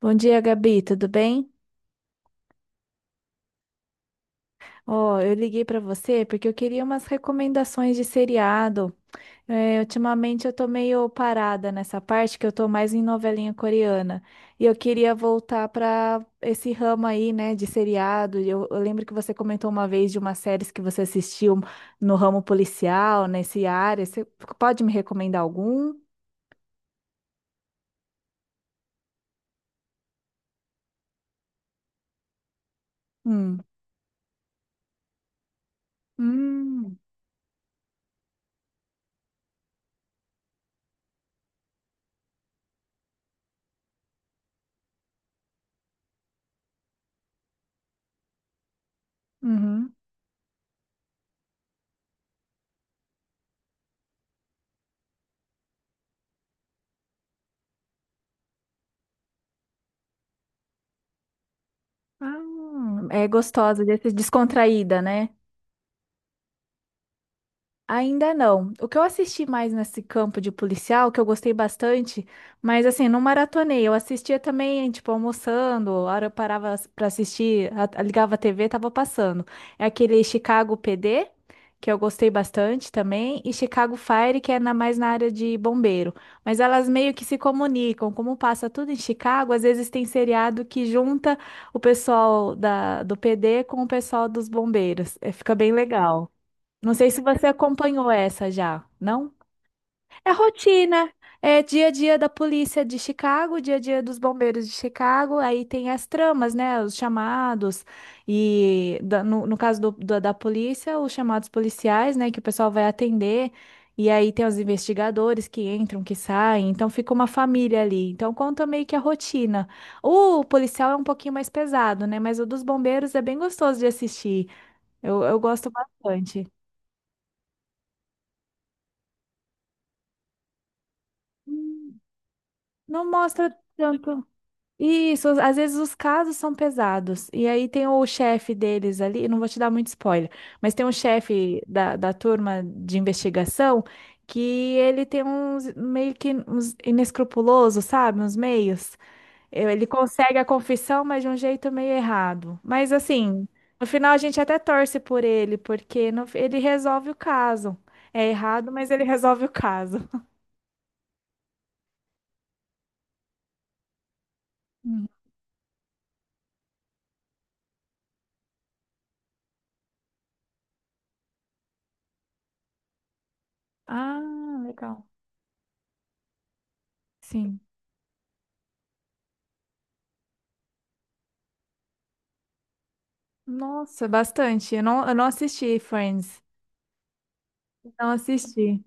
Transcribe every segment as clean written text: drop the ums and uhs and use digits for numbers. Bom dia, Gabi, tudo bem? Ó, eu liguei para você porque eu queria umas recomendações de seriado. É, ultimamente eu tô meio parada nessa parte que eu tô mais em novelinha coreana. E eu queria voltar para esse ramo aí, né, de seriado. E eu lembro que você comentou uma vez de uma série que você assistiu no ramo policial, nesse área. Você pode me recomendar algum? Hum. Hum. Uhum. Ah, é gostosa, descontraída, né? Ainda não. O que eu assisti mais nesse campo de policial, que eu gostei bastante, mas assim, não maratonei. Eu assistia também, tipo, almoçando, a hora eu parava para assistir, ligava a TV, tava passando. É aquele Chicago PD, que eu gostei bastante também, e Chicago Fire, que é mais na área de bombeiro. Mas elas meio que se comunicam, como passa tudo em Chicago, às vezes tem seriado que junta o pessoal do PD com o pessoal dos bombeiros. É, fica bem legal. Não sei se você acompanhou essa já, não? É rotina, é dia a dia da polícia de Chicago, dia a dia dos bombeiros de Chicago, aí tem as tramas, né? Os chamados, e no caso da polícia, os chamados policiais, né? Que o pessoal vai atender, e aí tem os investigadores que entram, que saem, então fica uma família ali. Então conta meio que a rotina. O policial é um pouquinho mais pesado, né? Mas o dos bombeiros é bem gostoso de assistir, eu gosto bastante. Não mostra tanto. Isso, às vezes os casos são pesados. E aí tem o chefe deles ali, não vou te dar muito spoiler, mas tem um chefe da turma de investigação que ele tem uns meio que uns inescrupuloso, sabe? Uns meios. Ele consegue a confissão, mas de um jeito meio errado. Mas assim, no final a gente até torce por ele, porque ele resolve o caso. É errado, mas ele resolve o caso. Hum. Ah, legal. Sim. Nossa, bastante. Eu não assisti Friends. Não assisti.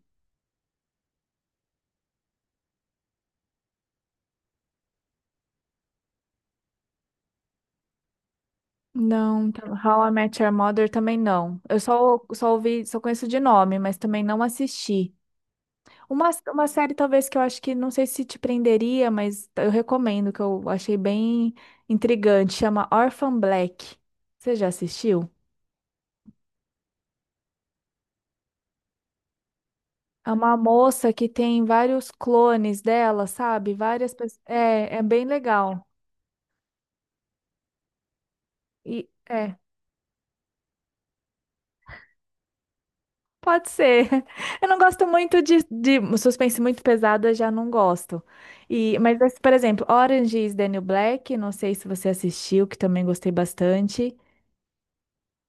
Não, How I Met Your Mother também não. Eu só ouvi, só conheço de nome, mas também não assisti. Uma série talvez que eu acho que não sei se te prenderia, mas eu recomendo, que eu achei bem intrigante, chama Orphan Black. Você já assistiu? É uma moça que tem vários clones dela, sabe? Várias pessoas. É, é bem legal. E é. Pode ser. Eu não gosto muito de suspense muito pesado, eu já não gosto. E, mas, assim, por exemplo, Orange is the New Black, não sei se você assistiu, que também gostei bastante,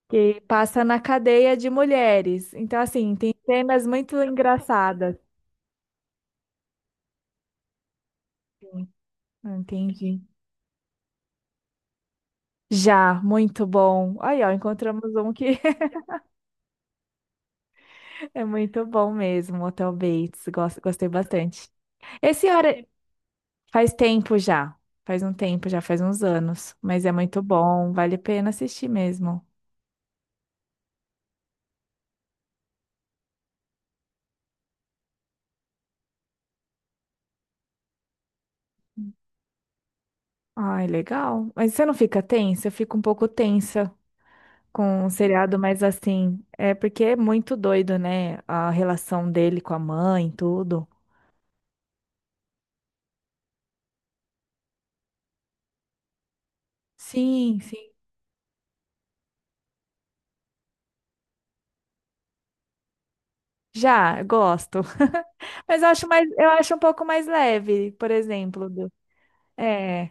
que passa na cadeia de mulheres. Então, assim, tem cenas muito engraçadas. Assim. Ah, entendi. Já, muito bom. Aí, ó, encontramos um que é muito bom mesmo, Hotel Bates. Gosto, gostei bastante. Esse Ora- Faz tempo já. Faz um tempo já, faz uns anos. Mas é muito bom, vale a pena assistir mesmo. Ai, legal. Mas você não fica tensa? Eu fico um pouco tensa com um seriado, mas assim, é porque é muito doido, né? A relação dele com a mãe, tudo. Sim, sim. Já, gosto. Mas eu acho mais, eu acho um pouco mais leve, por exemplo, do... É,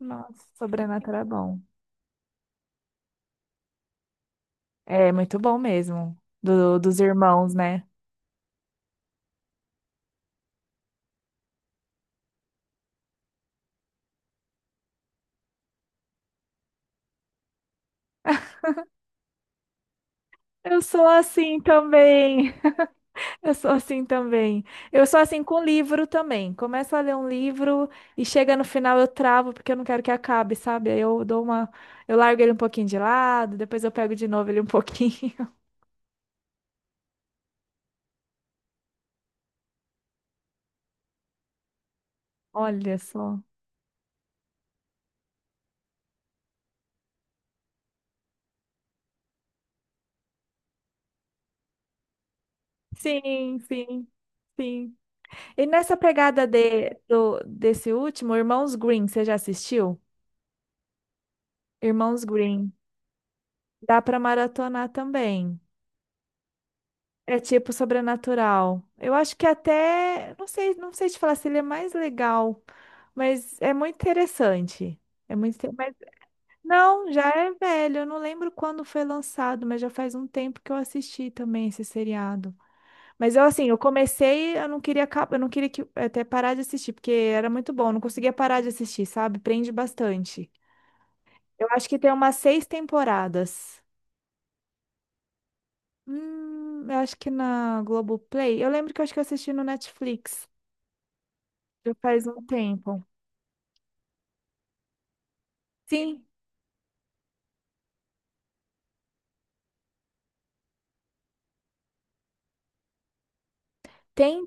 nossa, Sobrenatural é bom. É muito bom mesmo, dos irmãos, né? Eu sou assim também. Eu sou assim também. Eu sou assim com livro também. Começo a ler um livro e chega no final eu travo porque eu não quero que acabe, sabe? Aí eu dou uma, eu largo ele um pouquinho de lado, depois eu pego de novo ele um pouquinho. Olha só. Sim, sim, sim. E nessa pegada de, desse último, Irmãos Green, você já assistiu? Irmãos Green. Dá para maratonar também. É tipo sobrenatural. Eu acho que até, não sei, não sei te falar se ele é mais legal, mas é muito interessante. É muito, inte- mas Não, já é velho. Eu não lembro quando foi lançado, mas já faz um tempo que eu assisti também esse seriado. Mas eu assim, eu comecei, eu não queria, eu não queria que até parar de assistir, porque era muito bom, eu não conseguia parar de assistir, sabe? Prende bastante. Eu acho que tem umas seis temporadas. Eu acho que na Globoplay. Eu lembro que eu acho que eu assisti no Netflix. Já faz um tempo. Sim, tem.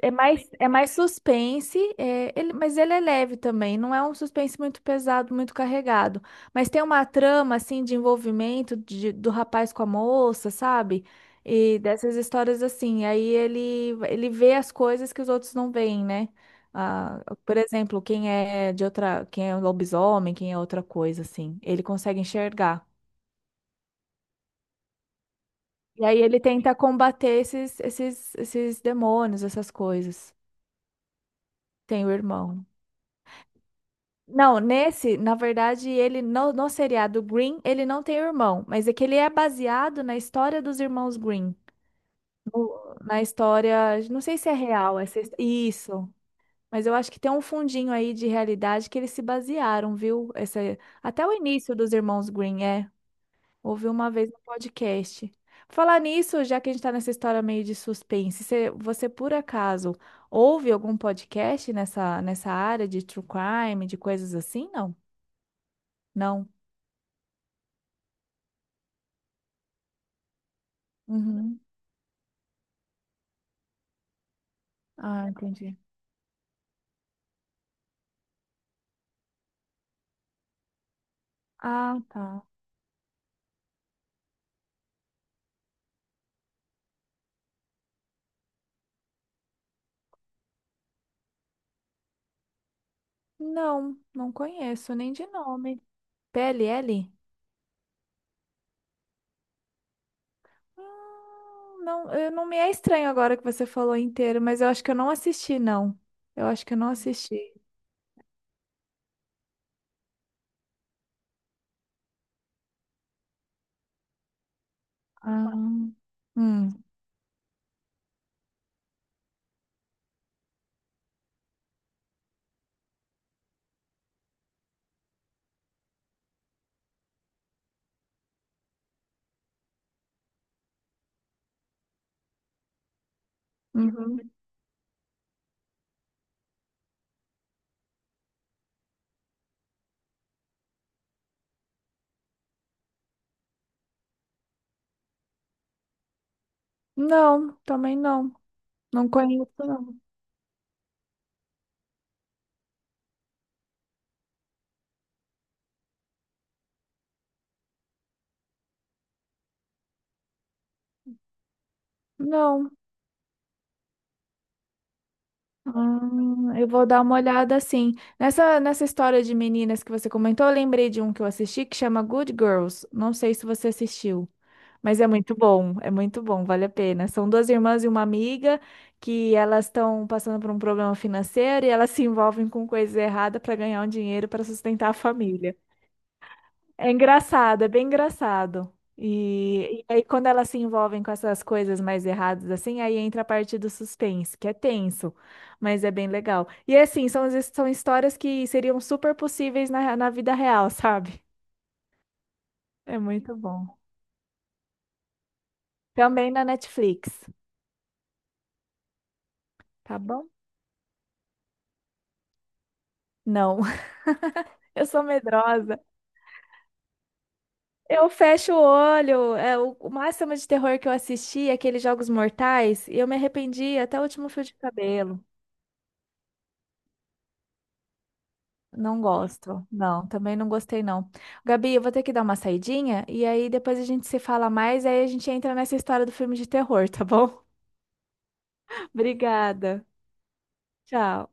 É mais suspense, é, ele, mas ele é leve também. Não é um suspense muito pesado, muito carregado. Mas tem uma trama, assim, de envolvimento do rapaz com a moça, sabe? E dessas histórias assim. Aí ele vê as coisas que os outros não veem, né? Ah, por exemplo, quem é de outra, quem é um lobisomem, quem é outra coisa, assim. Ele consegue enxergar. E aí ele tenta combater esses demônios, essas coisas. Tem o irmão. Não, nesse, na verdade, ele no seriado Green, ele não tem irmão, mas é que ele é baseado na história dos irmãos Green. Na história, não sei se é real essa, isso, mas eu acho que tem um fundinho aí de realidade que eles se basearam, viu? Essa, até o início dos irmãos Green, é. Ouvi uma vez no podcast. Falar nisso, já que a gente está nessa história meio de suspense, você, por acaso ouve algum podcast nessa área de true crime, de coisas assim? Não? Não. Uhum. Ah, entendi. Ah, tá. Não, não conheço nem de nome. P L L? Não, eu, não me é estranho agora que você falou inteiro, mas eu acho que eu não assisti, não. Eu acho que eu não assisti. Ah. Hum. Uhum. Não, também não. Não conheço, não. Não. Ah, eu vou dar uma olhada assim. Nessa história de meninas que você comentou, eu lembrei de um que eu assisti que chama Good Girls. Não sei se você assistiu, mas é muito bom. É muito bom, vale a pena. São duas irmãs e uma amiga que elas estão passando por um problema financeiro e elas se envolvem com coisas erradas para ganhar um dinheiro para sustentar a família. É engraçado, é bem engraçado. E aí, quando elas se envolvem com essas coisas mais erradas, assim, aí entra a parte do suspense, que é tenso, mas é bem legal. E assim, são, são histórias que seriam super possíveis na vida real, sabe? É muito bom. Também na Netflix, tá bom? Não, eu sou medrosa. Eu fecho o olho. É, o máximo de terror que eu assisti é aqueles Jogos Mortais, e eu me arrependi até o último fio de cabelo. Não gosto. Não, também não gostei, não. Gabi, eu vou ter que dar uma saidinha e aí depois a gente se fala mais, aí a gente entra nessa história do filme de terror, tá bom? Obrigada. Tchau.